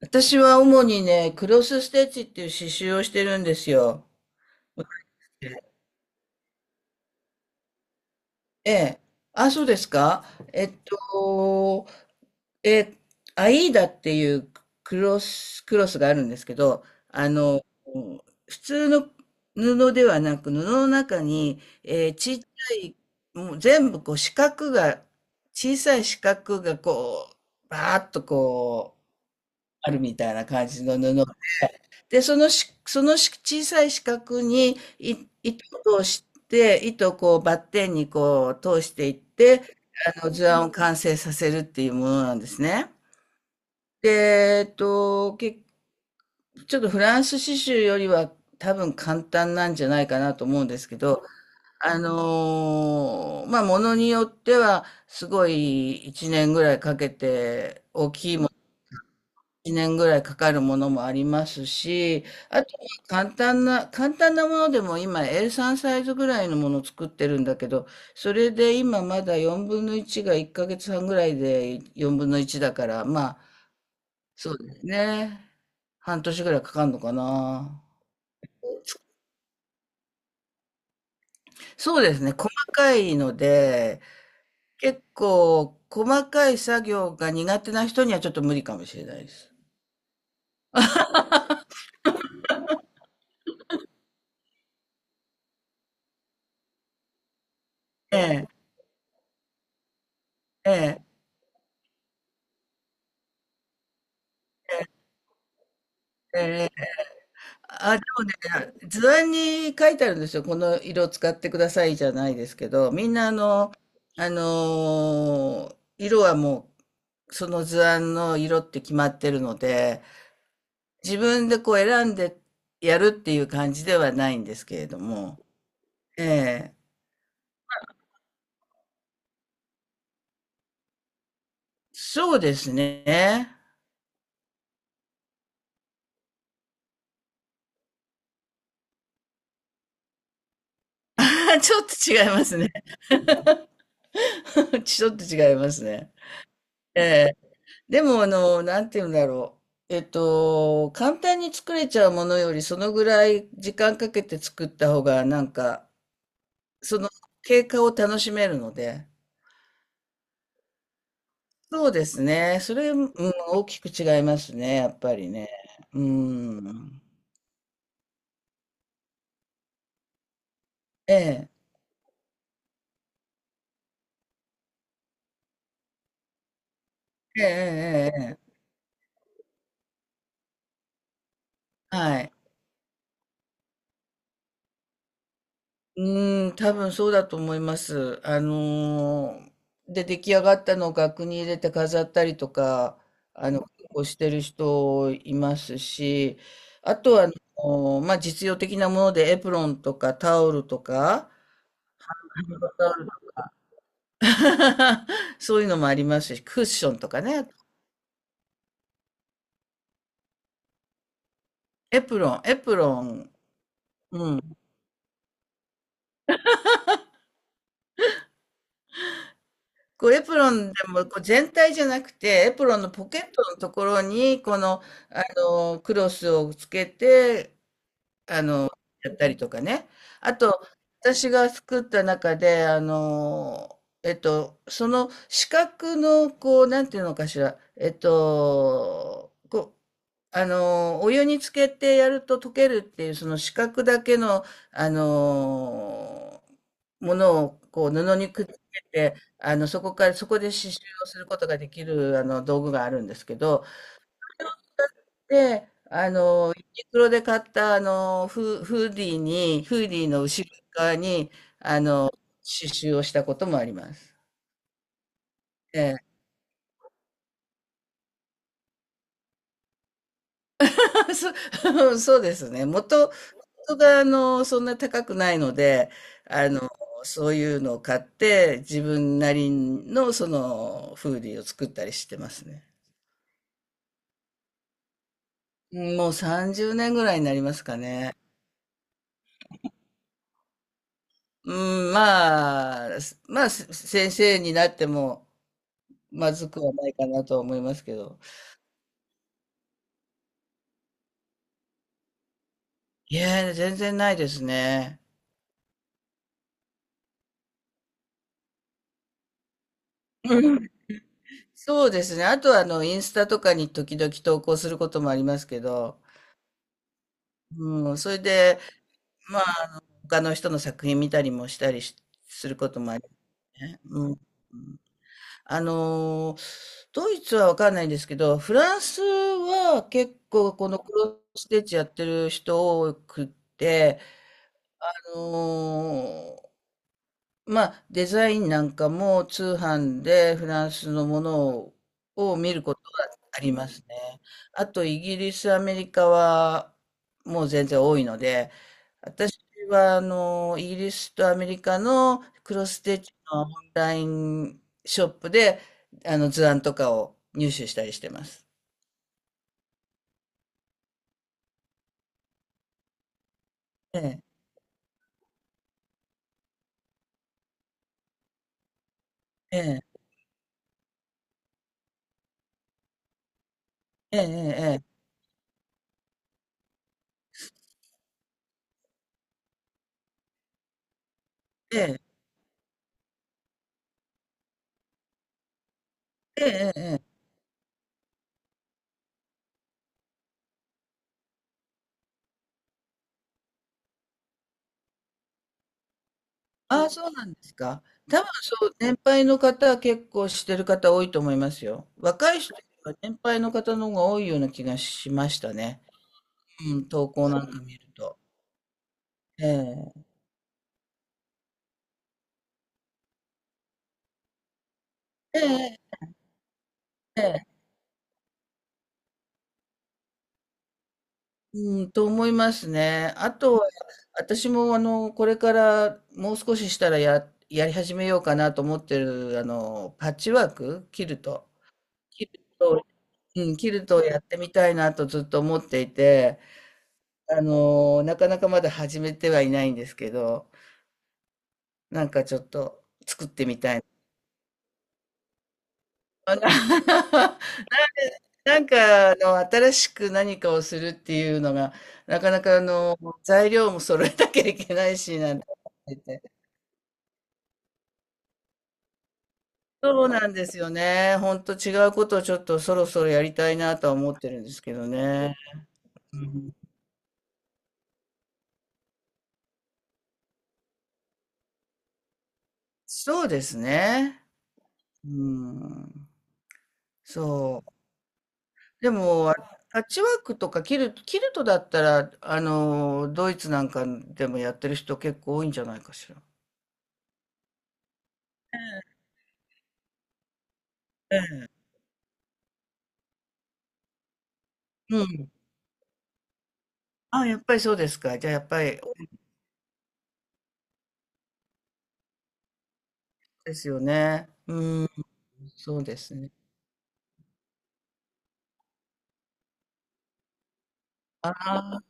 私は主にね、クロスステッチっていう刺繍をしてるんですよ。ええ。あ、そうですか。えっと、え、アイーダっていうクロスがあるんですけど、普通の布ではなく、布の中に、ちっちゃい、もう全部こう四角が、小さい四角がこう、バーッとこう、あるみたいな感じの布で、そのし、そのし小さい四角にい糸を通して、糸をこうバッテンにこう通していって、あの図案を完成させるっていうものなんですね。で、ちょっとフランス刺繍よりは多分簡単なんじゃないかなと思うんですけど、まあ、ものによってはすごい1年ぐらいかけて大きい1年ぐらいかかるものもありますし、あとは簡単なものでも今 A3 サイズぐらいのものを作ってるんだけど、それで今まだ4分の1が1ヶ月半ぐらいで4分の1だから、まあ、そうですね。半年ぐらいかかるのかな。そうですね。細かいので、結構細かい作業が苦手な人にはちょっと無理かもしれないです。ええ、ええ、ええ、あ、でもね、図案に書いてあるんですよ。この色使ってくださいじゃないですけど、みんな色はもう、その図案の色って決まってるので、自分でこう選んでやるっていう感じではないんですけれども、ええ、そうですね。ちょっと違いますね。ちょっと違いますね。ええ。でも、なんて言うんだろう。簡単に作れちゃうものより、そのぐらい時間かけて作った方が、なんか、その経過を楽しめるので。そうですね。それ、うん、大きく違いますね、やっぱりね。うん。ええ、ええ、ええ、ええ。はい。うーん、多分そうだと思います。で、出来上がったのを額に入れて飾ったりとか、結構してる人いますし、あとは、まあ、実用的なものでエプロンとかタオルとか、タオル そういうのもありますし、クッションとかね。エプロン、エプロン。うん。こうエプロンでもこう全体じゃなくて、エプロンのポケットのところに、この、クロスをつけて、あの、やったりとかね。あと、私が作った中で、その四角の、こう、なんていうのかしら、こう、お湯につけてやると溶けるっていう、その四角だけの、あの、ものを、こう、布にくっつけて、そこから、そこで刺繍をすることができる、道具があるんですけど、で、ユニクロで買ったあの、フーディーの後ろ側に、あの、刺繍をしたこともあります。ええ。そうですね。元があの、そんな高くないので、あの、そういうのを買って、自分なりのその、フーディーを作ったりしてますね。うん、もう30年ぐらいになりますかね。うん、まあ、先生になっても、まずくはないかなとは思いますけど。いや、全然ないですね。うん。そうですね。あとはあの、インスタとかに時々投稿することもありますけど、うん、それで、まあ、他の人の作品見たりすることもありね。うん。あのドイツはわかんないんですけど、フランスは結構このクロスステッチやってる人多くって、あのまあ、デザインなんかも通販でフランスのものを、見ることがありますね。あと、イギリス、アメリカはもう全然多いので、私はイギリスとアメリカのクロスステッチのオンラインショップで、図案とかを入手したりしてます。ええ、ええ、ええ、ええ、ええ、ええ、ええ、ええ。ああ、そうなんですか。多分そう、年配の方は結構してる方多いと思いますよ。若い人よりは年配の方の方が多いような気がしましたね。うん、投稿なんか見ると。ええ、ええ、ええ。うん、と思いますね。あとは、私もこれからもう少ししたらやり始めようかなと思ってる、パッチワーク、キルト。キルト、うん、キルトをやってみたいなとずっと思っていて、なかなかまだ始めてはいないんですけど、なんかちょっと作ってみたい。あな なんか新しく何かをするっていうのが、なかなか材料も揃えなきゃいけないし、なんて思ってて。そうなんですよね。ほんと違うことをちょっとそろそろやりたいなとは思ってるんですけどね。うん、そうですね。うん。そう。でも、パッチワークとかキルト、だったら、ドイツなんかでもやってる人結構多いんじゃないかしら。ええ。うん。あ、やっぱりそうですか。じゃあ、やっぱり多いですよね。うん、そうですね。ああ、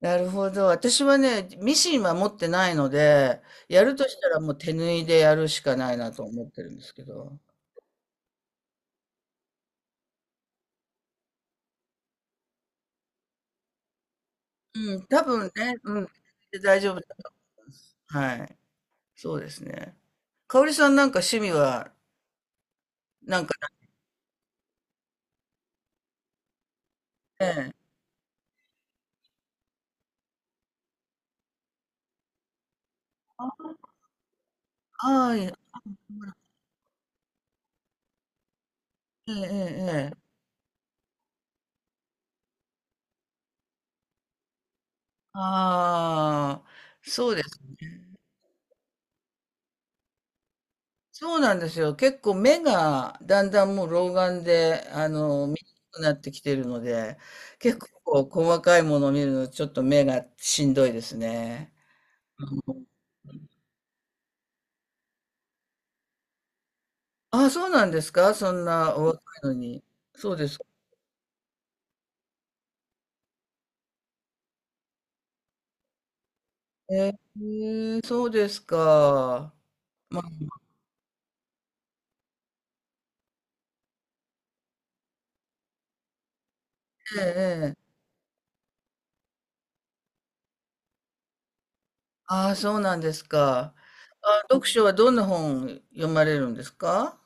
なるほど。私はね、ミシンは持ってないので、やるとしたらもう手縫いでやるしかないなと思ってるんですけど。うん、多分ね、うん、大丈夫だと思います。はい。そうですね。かおりさんなんか趣味は、なんかね、ああ、いええ、ええ、ああー、そうですね。そうなんですよ。結構目がだんだんもう老眼で、見にくくなってきてるので、結構細かいものを見るのちょっと目がしんどいですね。うん。ああ、そうなんですか？そんなお若いのに。そうですか。えー、そうですか。まあ、ええ、ええ。ああ、そうなんですか。あ、読書はどんな本読まれるんですか？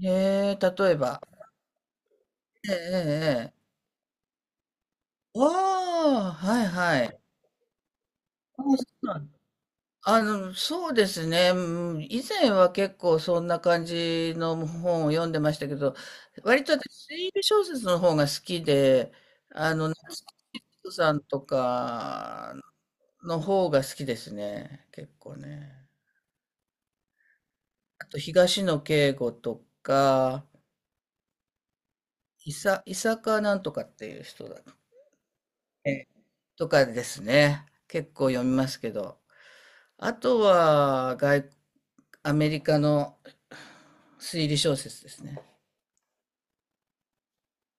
へえ、例えば。ええ、ええ。え。ああ、はいはい。あ、そうなんだ。そうですね。うん、以前は結構そんな感じの本を読んでましたけど、割と私、推理小説の方が好きで、夏木ッとさんとかの方が好きですね。結構ね。あと、東野圭吾とか、いさかなんとかっていう人だね。とかですね。結構読みますけど。あとは、アメリカの推理小説ですね。